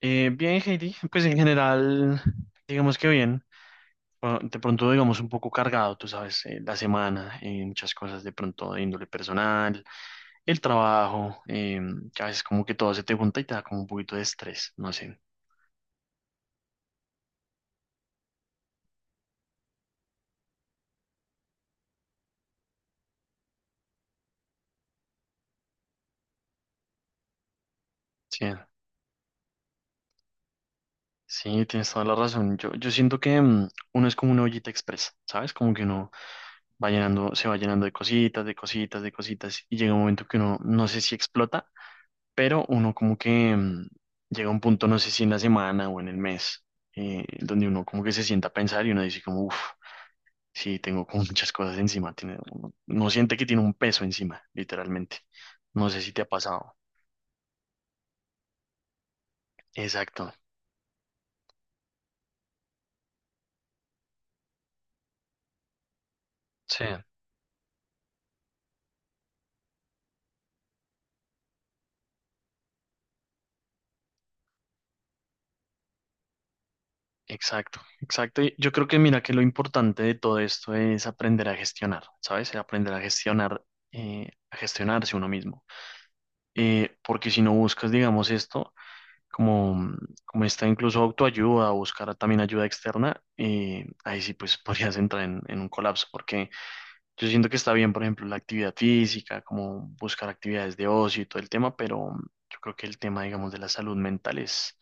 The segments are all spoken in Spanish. Bien, Heidi, pues en general, digamos que bien. Bueno, de pronto, digamos, un poco cargado, tú sabes, la semana, muchas cosas de pronto de índole personal, el trabajo, que a veces como que todo se te junta y te da como un poquito de estrés, no sé. Sí, sí, tienes toda la razón. Yo siento que uno es como una ollita expresa, ¿sabes? Como que uno va llenando, se va llenando de cositas, de cositas, de cositas, y llega un momento que uno no sé si explota, pero uno como que llega a un punto, no sé si en la semana o en el mes, donde uno como que se sienta a pensar y uno dice como, uff, sí, tengo como muchas cosas encima, tiene, uno, uno siente que tiene un peso encima, literalmente. No sé si te ha pasado. Exacto, sí, exacto, exacto. Y yo creo que mira que lo importante de todo esto es aprender a gestionar, ¿sabes? Aprender a gestionar, a gestionarse uno mismo. Porque si no buscas, digamos, esto, como, como está incluso autoayuda o buscar también ayuda externa, ahí sí pues podrías entrar en un colapso, porque yo siento que está bien, por ejemplo, la actividad física, como buscar actividades de ocio y todo el tema, pero yo creo que el tema, digamos, de la salud mental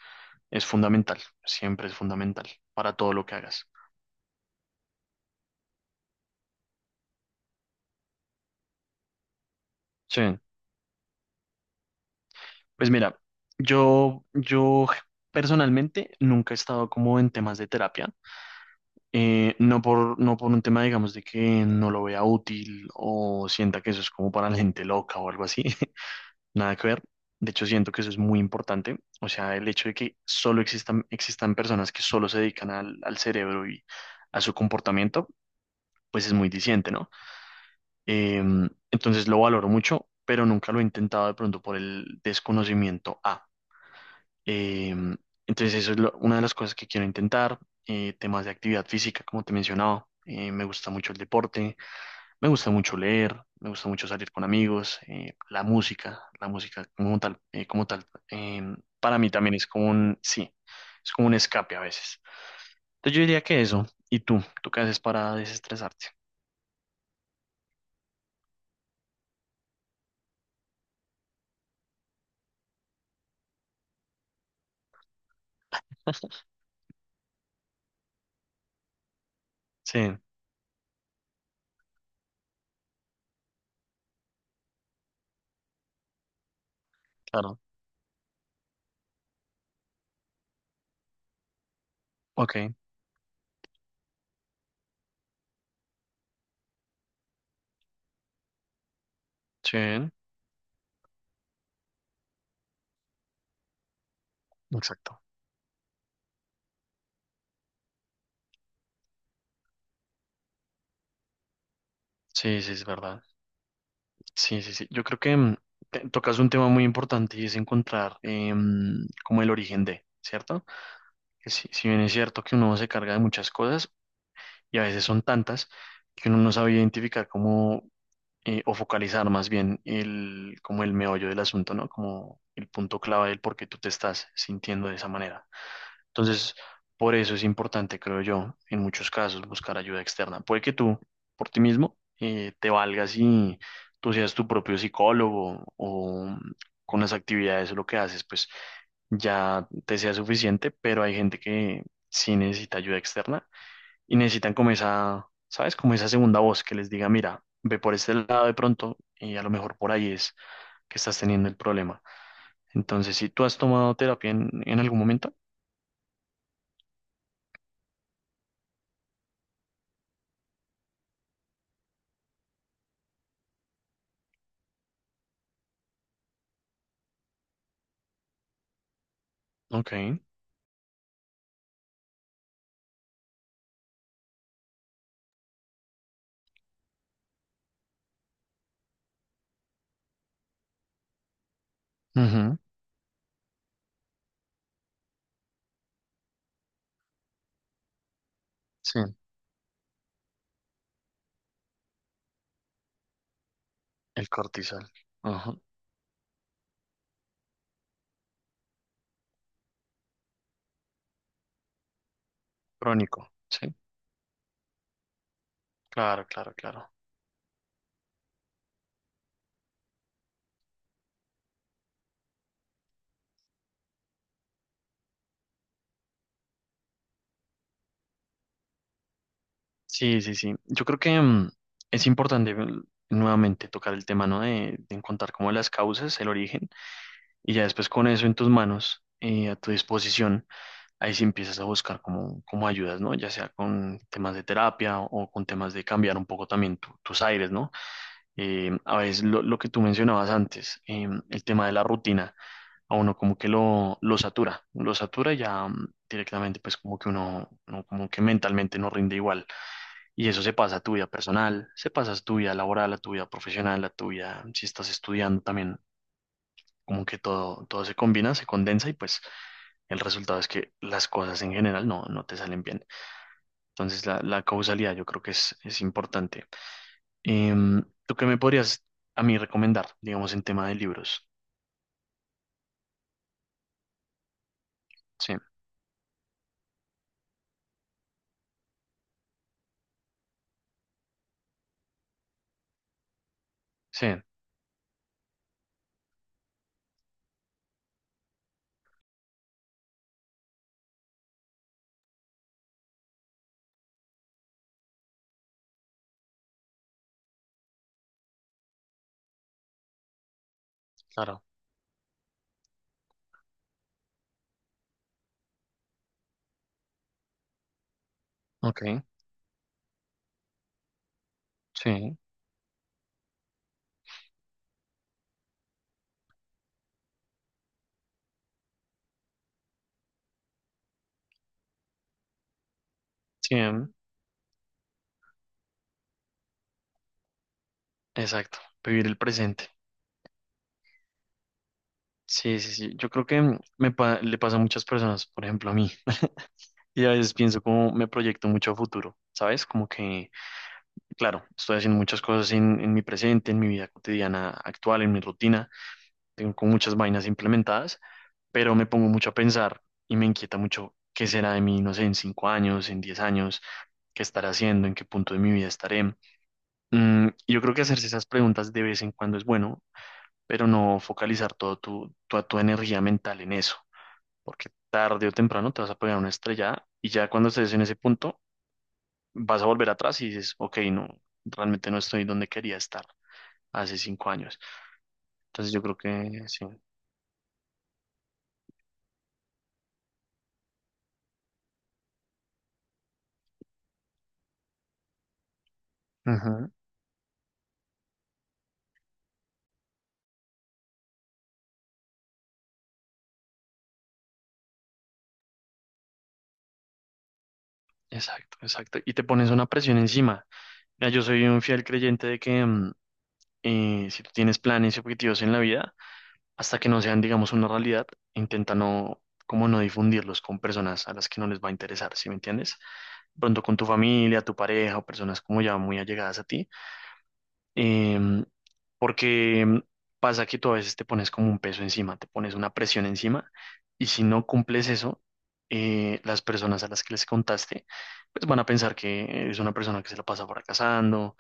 es fundamental, siempre es fundamental para todo lo que hagas. Sí, pues mira, yo personalmente nunca he estado como en temas de terapia. No por, no por un tema, digamos, de que no lo vea útil o sienta que eso es como para la gente loca o algo así. Nada que ver. De hecho, siento que eso es muy importante. O sea, el hecho de que solo existan, existan personas que solo se dedican al, al cerebro y a su comportamiento, pues es muy diciente, ¿no? Eh, entonces lo valoro mucho, pero nunca lo he intentado de pronto por el desconocimiento A. Em, entonces, eso es una de las cosas que quiero intentar. Temas de actividad física, como te mencionaba. Me gusta mucho el deporte, me gusta mucho leer, me gusta mucho salir con amigos, la música como tal, para mí también es como un, sí, es como un escape a veces. Entonces yo diría que eso. ¿Y tú? ¿Tú qué haces para desestresarte? Sí, claro. Ok, sí, exacto. Sí, sí, es verdad. Sí, sí, sí. Yo creo que tocas un tema muy importante y es encontrar em, como el origen de, ¿cierto? Que si, si bien es cierto que uno se carga de muchas cosas y a veces son tantas que uno no sabe identificar cómo o focalizar más bien el, como el meollo del asunto, ¿no? Como el punto clave del por qué tú te estás sintiendo de esa manera. Entonces, por eso es importante, creo yo, en muchos casos buscar ayuda externa. Puede que tú, por ti mismo, te valgas y tú seas tu propio psicólogo o con las actividades o lo que haces, pues ya te sea suficiente, pero hay gente que sí necesita ayuda externa y necesitan como esa, ¿sabes? Como esa segunda voz que les diga, mira, ve por este lado de pronto y a lo mejor por ahí es que estás teniendo el problema. Entonces, si tú has tomado terapia en algún momento, ok. Ujú. Sí, el cortisol. Ajá. Crónico. Sí, claro, claro, claro. Sí, sí, sí. Yo creo que es importante nuevamente tocar el tema, ¿no? De encontrar como las causas, el origen, y ya después con eso en tus manos, a tu disposición, ahí sí empiezas a buscar como, como ayudas, ¿no? Ya sea con temas de terapia o con temas de cambiar un poco también tus aires, ¿no? A veces lo que tú mencionabas antes, el tema de la rutina. A uno como que lo satura y ya mm, directamente pues como que uno, uno como que mentalmente no rinde igual. Y eso se pasa a tu vida personal, se pasa a tu vida laboral, a tu vida profesional, a tu vida, si estás estudiando también, como que todo, todo se combina, se condensa y pues el resultado es que las cosas en general no, no te salen bien. Entonces la causalidad yo creo que es importante. Em, ¿tú qué me podrías a mí recomendar, digamos, en tema de libros? Sí, sí, claro. Ok. Sí, sí, em, exacto, vivir el presente. Sí, sí, sí. Yo creo que le pasa a muchas personas, por ejemplo a mí, y a veces pienso como me proyecto mucho a futuro, ¿sabes? Como que, claro, estoy haciendo muchas cosas en mi presente, en mi vida cotidiana actual, en mi rutina, tengo como muchas vainas implementadas, pero me pongo mucho a pensar y me inquieta mucho qué será de mí, no sé, en 5 años, en 10 años, qué estaré haciendo, en qué punto de mi vida estaré. Mm, yo creo que hacerse esas preguntas de vez en cuando es bueno pero no focalizar todo tu, toda tu energía mental en eso, porque tarde o temprano te vas a pegar una estrellada y ya cuando estés en ese punto vas a volver atrás y dices, ok, no, realmente no estoy donde quería estar hace 5 años. Entonces yo creo que sí. Ujú, exacto, exacto. Y te pones una presión encima. Mira, yo soy un fiel creyente de que si tú tienes planes y objetivos en la vida, hasta que no sean, digamos, una realidad, intenta no, como no difundirlos con personas a las que no les va a interesar, ¿sí me entiendes? Pronto con tu familia, tu pareja o personas como ya muy allegadas a ti, em, porque pasa que tú a veces te pones como un peso encima, te pones una presión encima y si no cumples eso, las personas a las que les contaste, pues van a pensar que es una persona que se la pasa fracasando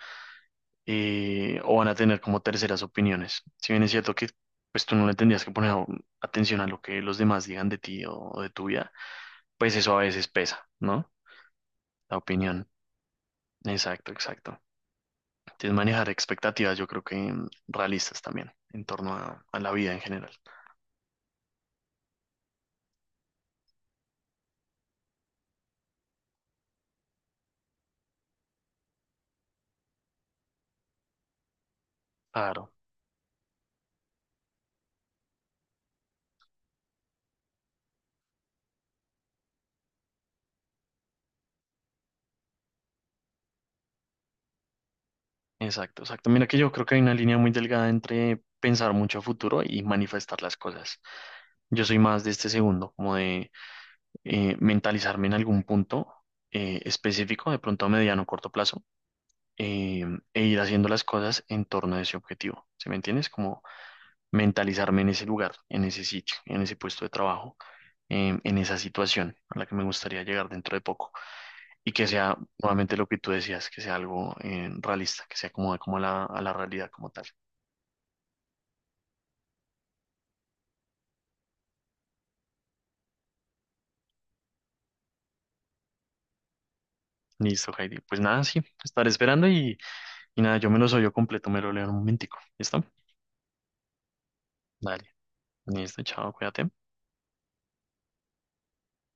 o van a tener como terceras opiniones. Si bien es cierto que pues tú no le tendrías que poner atención a lo que los demás digan de ti o de tu vida, pues eso a veces pesa, ¿no? La opinión. Exacto, exacto. Sí, es manejar expectativas, yo creo que mm, realistas también, en torno a la vida en general. Claro, exacto, exacto. Mira que yo creo que hay una línea muy delgada entre pensar mucho a futuro y manifestar las cosas. Yo soy más de este segundo, como de mentalizarme en algún punto específico, de pronto a mediano o corto plazo, eh, e ir haciendo las cosas en torno a ese objetivo. ¿Sí me entiendes? Como mentalizarme en ese lugar, en ese sitio, en ese puesto de trabajo, en esa situación a la que me gustaría llegar dentro de poco. Y que sea nuevamente lo que tú decías, que sea algo realista, que se acomode como a la realidad como tal. Listo, Heidi. Pues nada, sí, estaré esperando y nada, yo me lo soy yo completo, me lo leo en un momentico. ¿Listo? Dale. Listo, chao, cuídate.